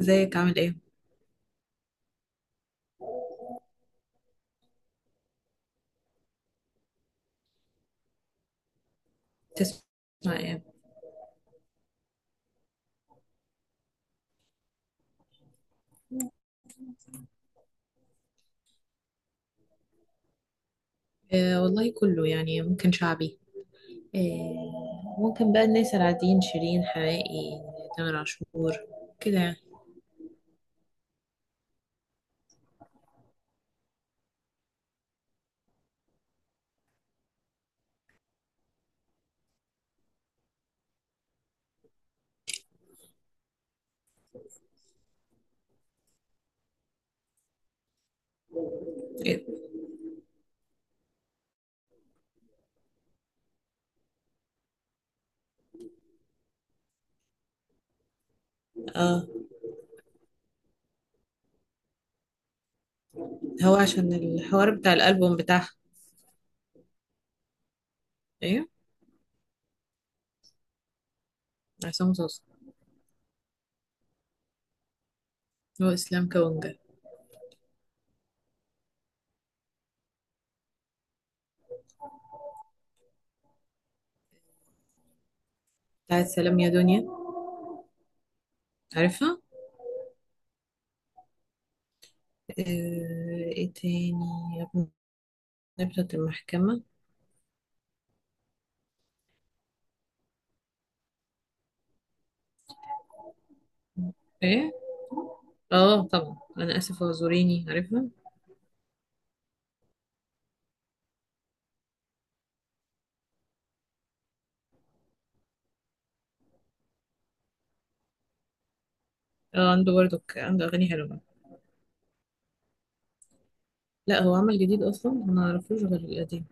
ازيك عامل ايه؟ تسمع ايه؟ آه، والله كله يعني ممكن شعبي. آه، ممكن بقى الناس العاديين، شيرين حماقي، تامر عاشور، كده يعني. إيه؟ اه، هو عشان الحوار بتاع الألبوم بتاعها. ايه؟ عصام صوصة. هو إسلام كونجا. بتاعت سلام يا دنيا. عارفها؟ آه. ايه تاني؟ يا ابن. نبتة المحكمة. ايه؟ اه طبعا، أنا آسف، اعذريني. عارفها؟ اه عنده برضك عنده أغاني حلوة. لا، هو عمل جديد اصلا ما نعرفوش غير القديم.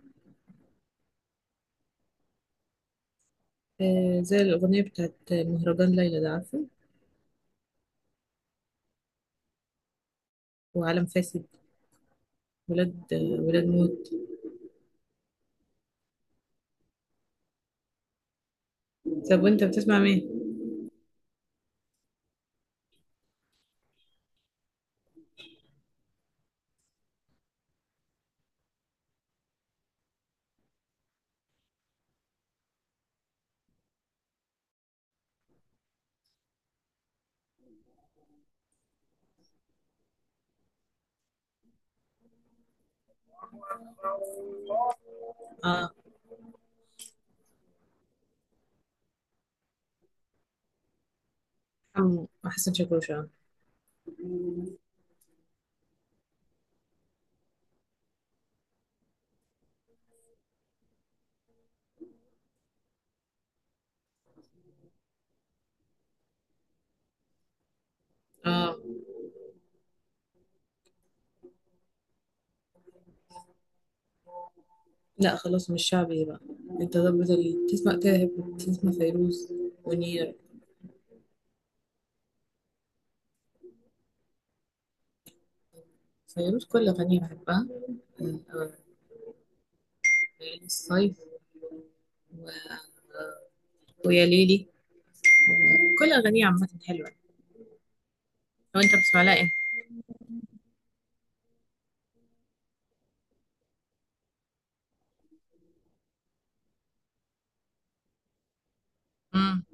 آه، زي الاغنيه بتاعت مهرجان ليلى، ده عارفه. وعالم فاسد. ولاد موت. طب وانت بتسمع مين؟ اه، حمو حسن شاكوش، اه. لا خلاص، مش شعبي بقى. انت ضبط تسمع، تاهب تسمع فيروز ونير. فيروز كل اغانيه بحبها. آه آه، ليالي الصيف و... ويا ليلي. كل اغانيه عامه حلوه. لو انت بتسمع لها ايه؟ امم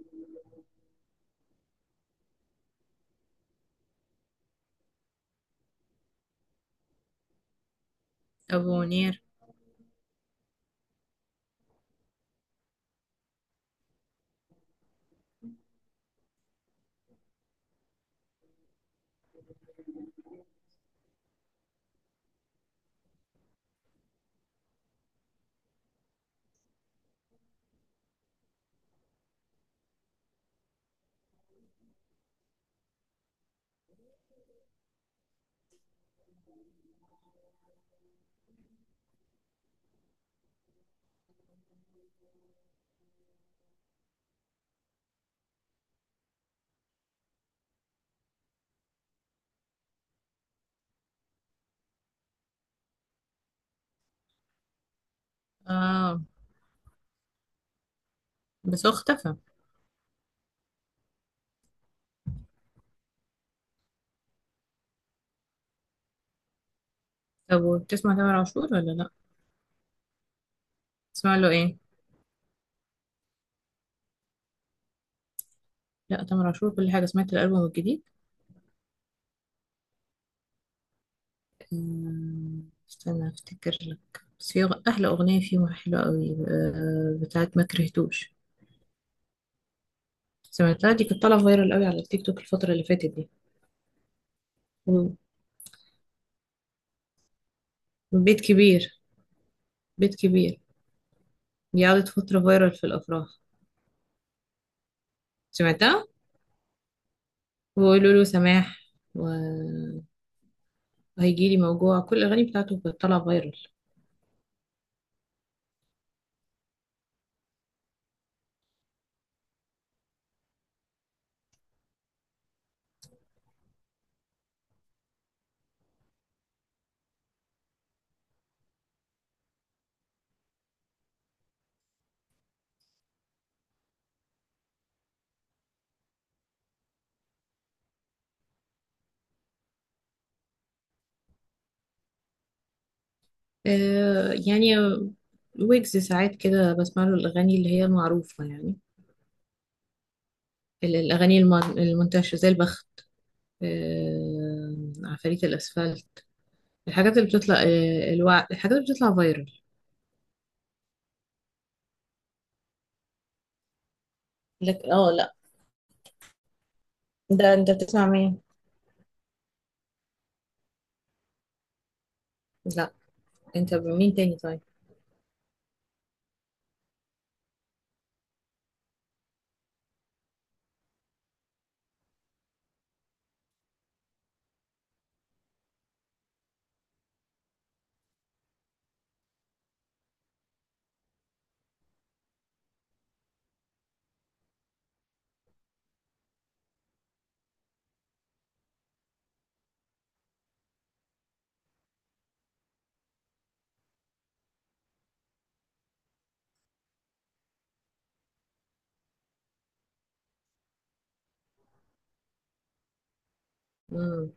ابو منير. اه بس هو اختفى. طب وبتسمع تامر عاشور ولا لا؟ تسمع له ايه؟ لا تامر عاشور كل حاجه، سمعت الالبوم الجديد. استنى افتكر لك. بس في احلى اغنيه فيه حلوه قوي، بتاعت ما كرهتوش. سمعتها، دي كانت طالعه فايرال قوي على التيك توك الفتره اللي فاتت دي. أمم، بيت كبير، بيت كبير، دي قعدت فتره فايرال في الافراح. سمعتها. وقولوا له سماح، وهيجيلي، موجوع، كل الاغاني بتاعته كانت طالعه فايرال. آه يعني، ويجز ساعات كده بسمع له الأغاني اللي هي المعروفة يعني. الأغاني المنتشرة، زي البخت، آه عفاريت الأسفلت، الحاجات اللي بتطلع فايرال. لك اه لا. ده انت بتسمع مين؟ لا، انت مين تاني طيب؟ مم.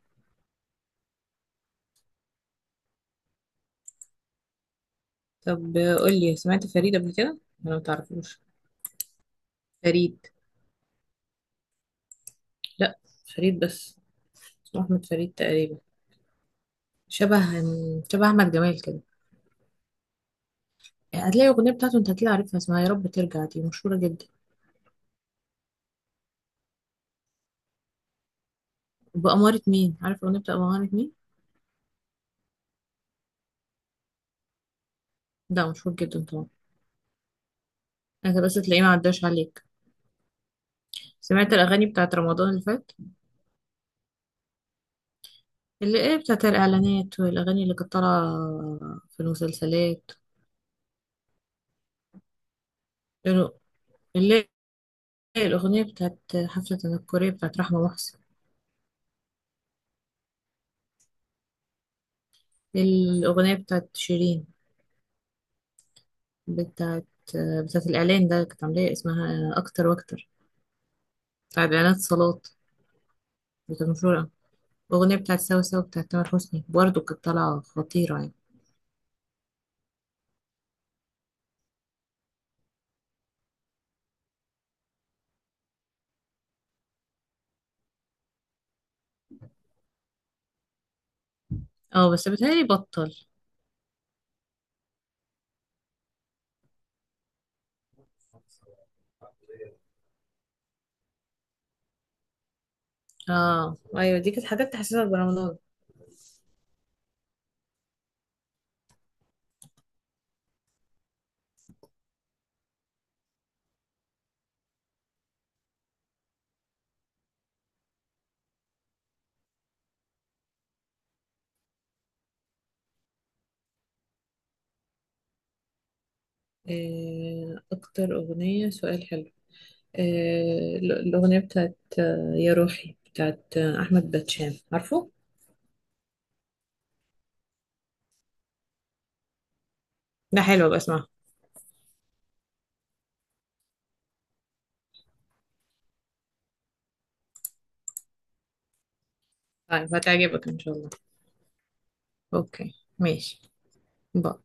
طب، قول لي، سمعت فريد قبل كده؟ انا ما تعرفوش فريد. لا، فريد بس. اسمه أحمد فريد تقريبا. شبه شبه أحمد جمال كده. هتلاقي الأغنية بتاعته، انت هتلاقي، عارفها، اسمها يا رب ترجع، دي مشهورة جدا. بأمارة مين؟ عارف الأغنية بتاع بأمارة مين. ده مشهور جدا طبعا. انت بس تلاقيه ما عداش عليك. سمعت الأغاني بتاعت رمضان اللي فات؟ اللي ايه، بتاعت الإعلانات والأغاني اللي كانت طالعة في المسلسلات. اللي اللي هي الأغنية بتاعت حفلة الكورية بتاعت رحمة محسن. الأغنية بتاعت شيرين، بتاعت بتاعت الإعلان ده، كانت عاملاه اسمها أكتر وأكتر، بتاعت إعلانات صالات، بتاعت مشهورة. الأغنية بتاعت سوا سوا بتاعت تامر حسني برضه كانت طالعة خطيرة يعني. اه بس بتهيألي بطل. اه ايوه، دي كانت حاجات تحسسك برمضان. آه اكتر أغنية سؤال حلو. آه، الأغنية بتاعت يا روحي بتاعت أحمد باتشان، عارفه؟ ده حلو بسمعها. طيب، هتعجبك إن شاء الله. أوكي، ماشي. باي.